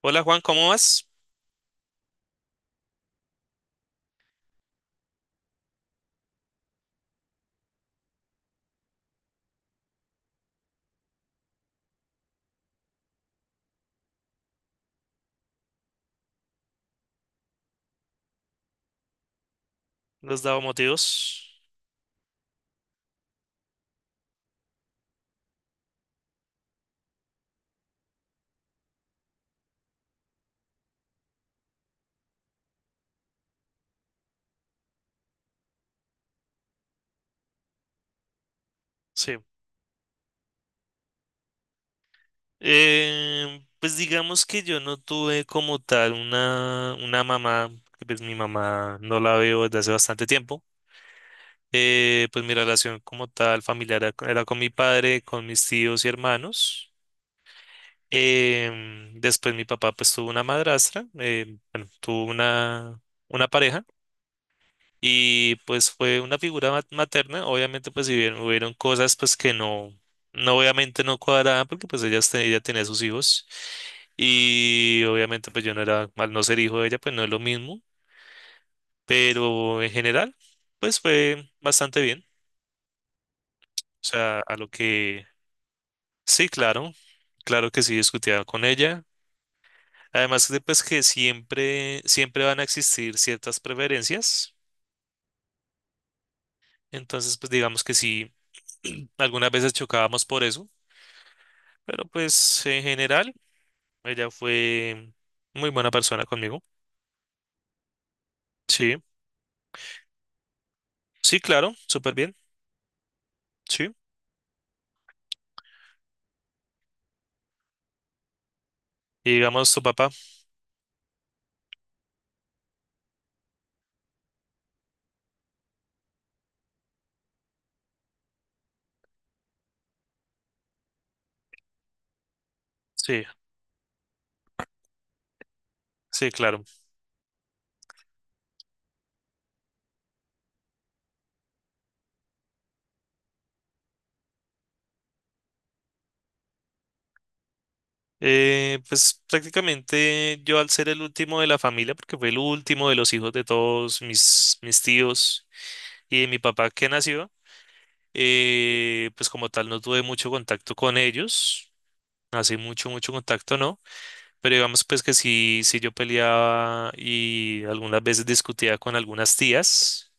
Hola Juan, ¿cómo vas? ¿Le has dado motivos? Sí. Pues digamos que yo no tuve como tal una mamá, que pues mi mamá no la veo desde hace bastante tiempo. Pues mi relación como tal familiar era con mi padre, con mis tíos y hermanos. Después mi papá pues tuvo una madrastra, bueno, tuvo una pareja. Y pues fue una figura materna, obviamente pues si bien hubieron cosas pues que no, no obviamente no cuadraban porque pues ella, ella tenía sus hijos y obviamente pues yo no era, al no ser hijo de ella pues no es lo mismo, pero en general pues fue bastante bien, o sea, a lo que sí, claro, claro que sí discutía con ella, además de pues que siempre, siempre van a existir ciertas preferencias, entonces pues digamos que sí, algunas veces chocábamos por eso. Pero pues en general, ella fue muy buena persona conmigo. Sí, sí, claro, súper bien. Sí. Y digamos su papá. Sí, sí, claro. Pues prácticamente yo al ser el último de la familia, porque fue el último de los hijos de todos mis tíos y de mi papá que nació, pues como tal no tuve mucho contacto con ellos. Así mucho, mucho contacto, ¿no? Pero digamos pues que sí, sí yo peleaba y algunas veces discutía con algunas tías.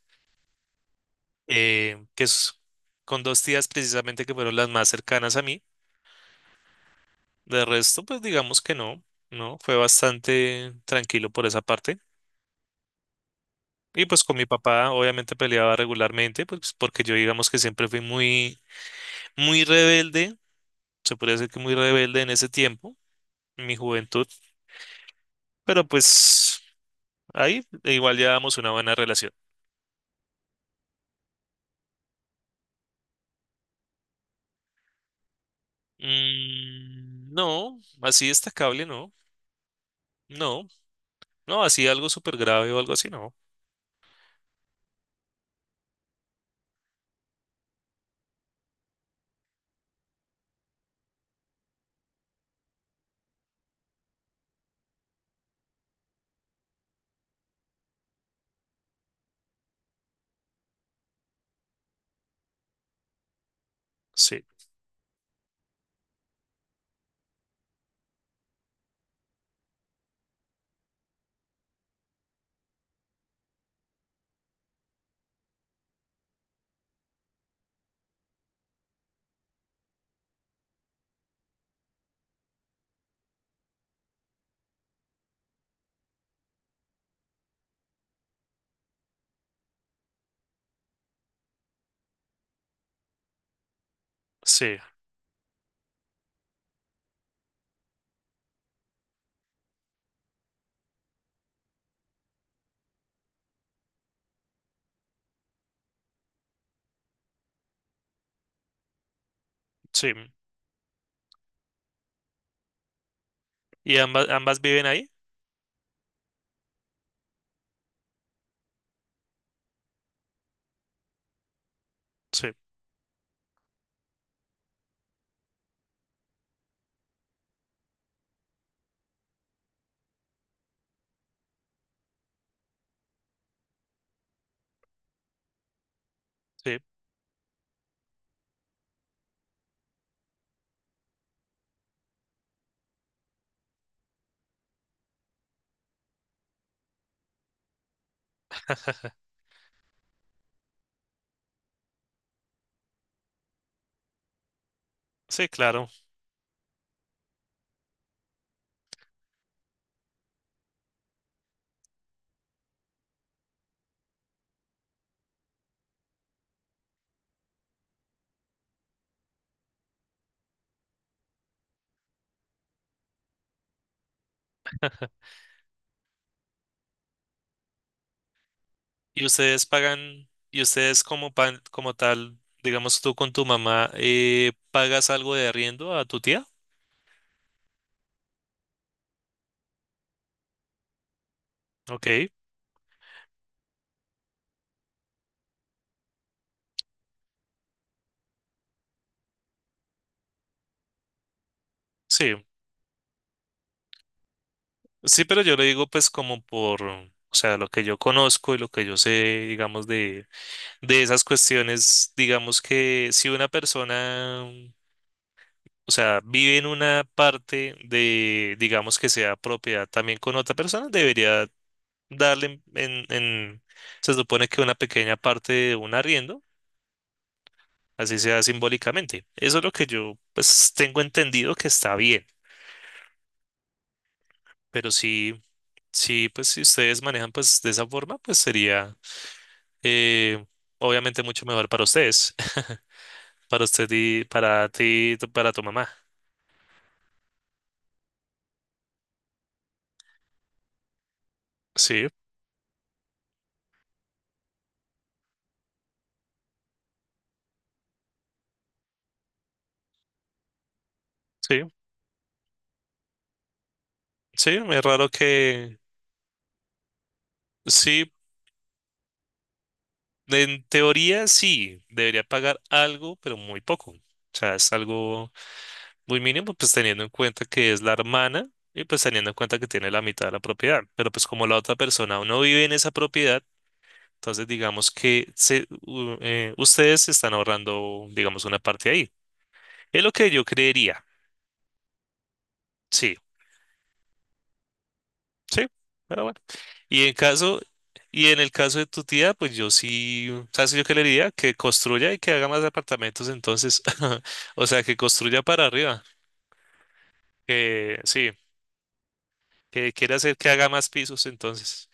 Eh, que es con dos tías precisamente que fueron las más cercanas a mí. De resto, pues digamos que no, ¿no? Fue bastante tranquilo por esa parte. Y pues con mi papá obviamente peleaba regularmente, pues porque yo digamos que siempre fui muy, muy rebelde, se podría decir que muy rebelde en ese tiempo, en mi juventud, pero pues ahí e igual llevábamos una buena relación. Mm, no, así destacable, no, no, no, así algo súper grave o algo así, no. Sí, sí, sí. ¿Y ambas, ambas viven ahí? Sí, sí, sí, claro. ¿Y ustedes pagan, y ustedes como, como tal, digamos tú con tu mamá, pagas algo de arriendo a tu tía? Ok, sí, sí, pero yo le digo pues como por, o sea, lo que yo conozco y lo que yo sé, digamos, de esas cuestiones, digamos que si una persona, o sea, vive en una parte de, digamos que sea propiedad también con otra persona, debería darle se supone que una pequeña parte de un arriendo, así sea simbólicamente. Eso es lo que yo pues tengo entendido que está bien, pero sí, sí, pues si ustedes manejan pues de esa forma, pues sería eh, obviamente mucho mejor para ustedes, para usted y para ti, para tu mamá. Sí, sí, sí, es raro que sí, en teoría sí, debería pagar algo, pero muy poco. O sea, es algo muy mínimo, pues teniendo en cuenta que es la hermana y pues teniendo en cuenta que tiene la mitad de la propiedad. Pero pues como la otra persona aún no vive en esa propiedad, entonces digamos que ustedes se están ahorrando, digamos, una parte ahí. Es lo que yo creería. Sí, sí, pero bueno. Y en caso, y en el caso de tu tía, pues yo sí, ¿sabes qué yo qué le diría? Que construya y que haga más apartamentos entonces. O sea, que construya para arriba. Que sí, que quiere hacer que haga más pisos entonces.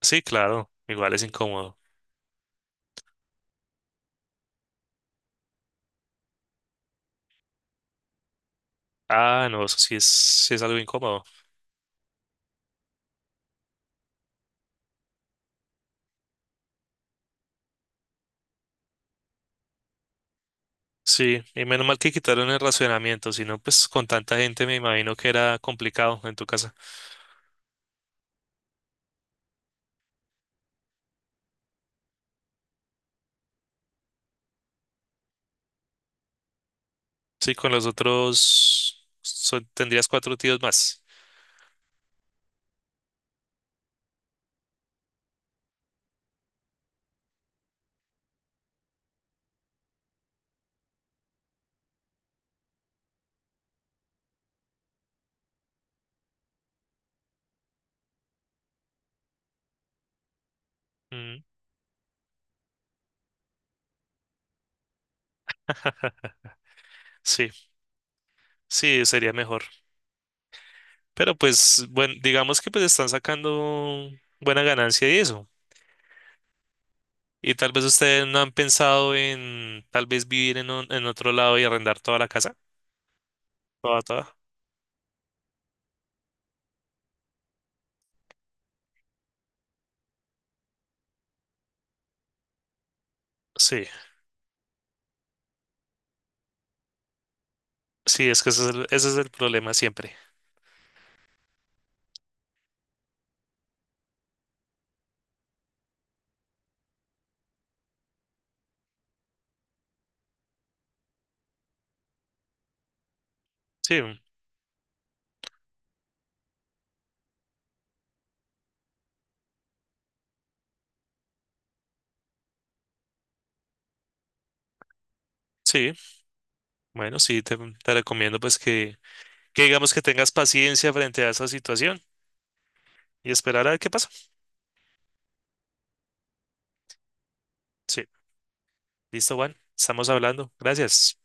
Sí, claro, igual es incómodo. Ah, no, eso sí es algo incómodo. Sí, y menos mal que quitaron el racionamiento, si no, pues con tanta gente me imagino que era complicado en tu casa. Sí, con los otros tendrías cuatro tíos más. Mm, sí, sí, sería mejor. Pero pues, bueno, digamos que pues están sacando buena ganancia y eso. Y tal vez ustedes no han pensado en tal vez vivir en, en otro lado y arrendar toda la casa. Toda, toda. Sí, sí, es que ese es el problema siempre. Sí, mm, sí, bueno, sí, te recomiendo pues que digamos que tengas paciencia frente a esa situación y esperar a ver qué pasa. Sí, listo, Juan, estamos hablando. Gracias.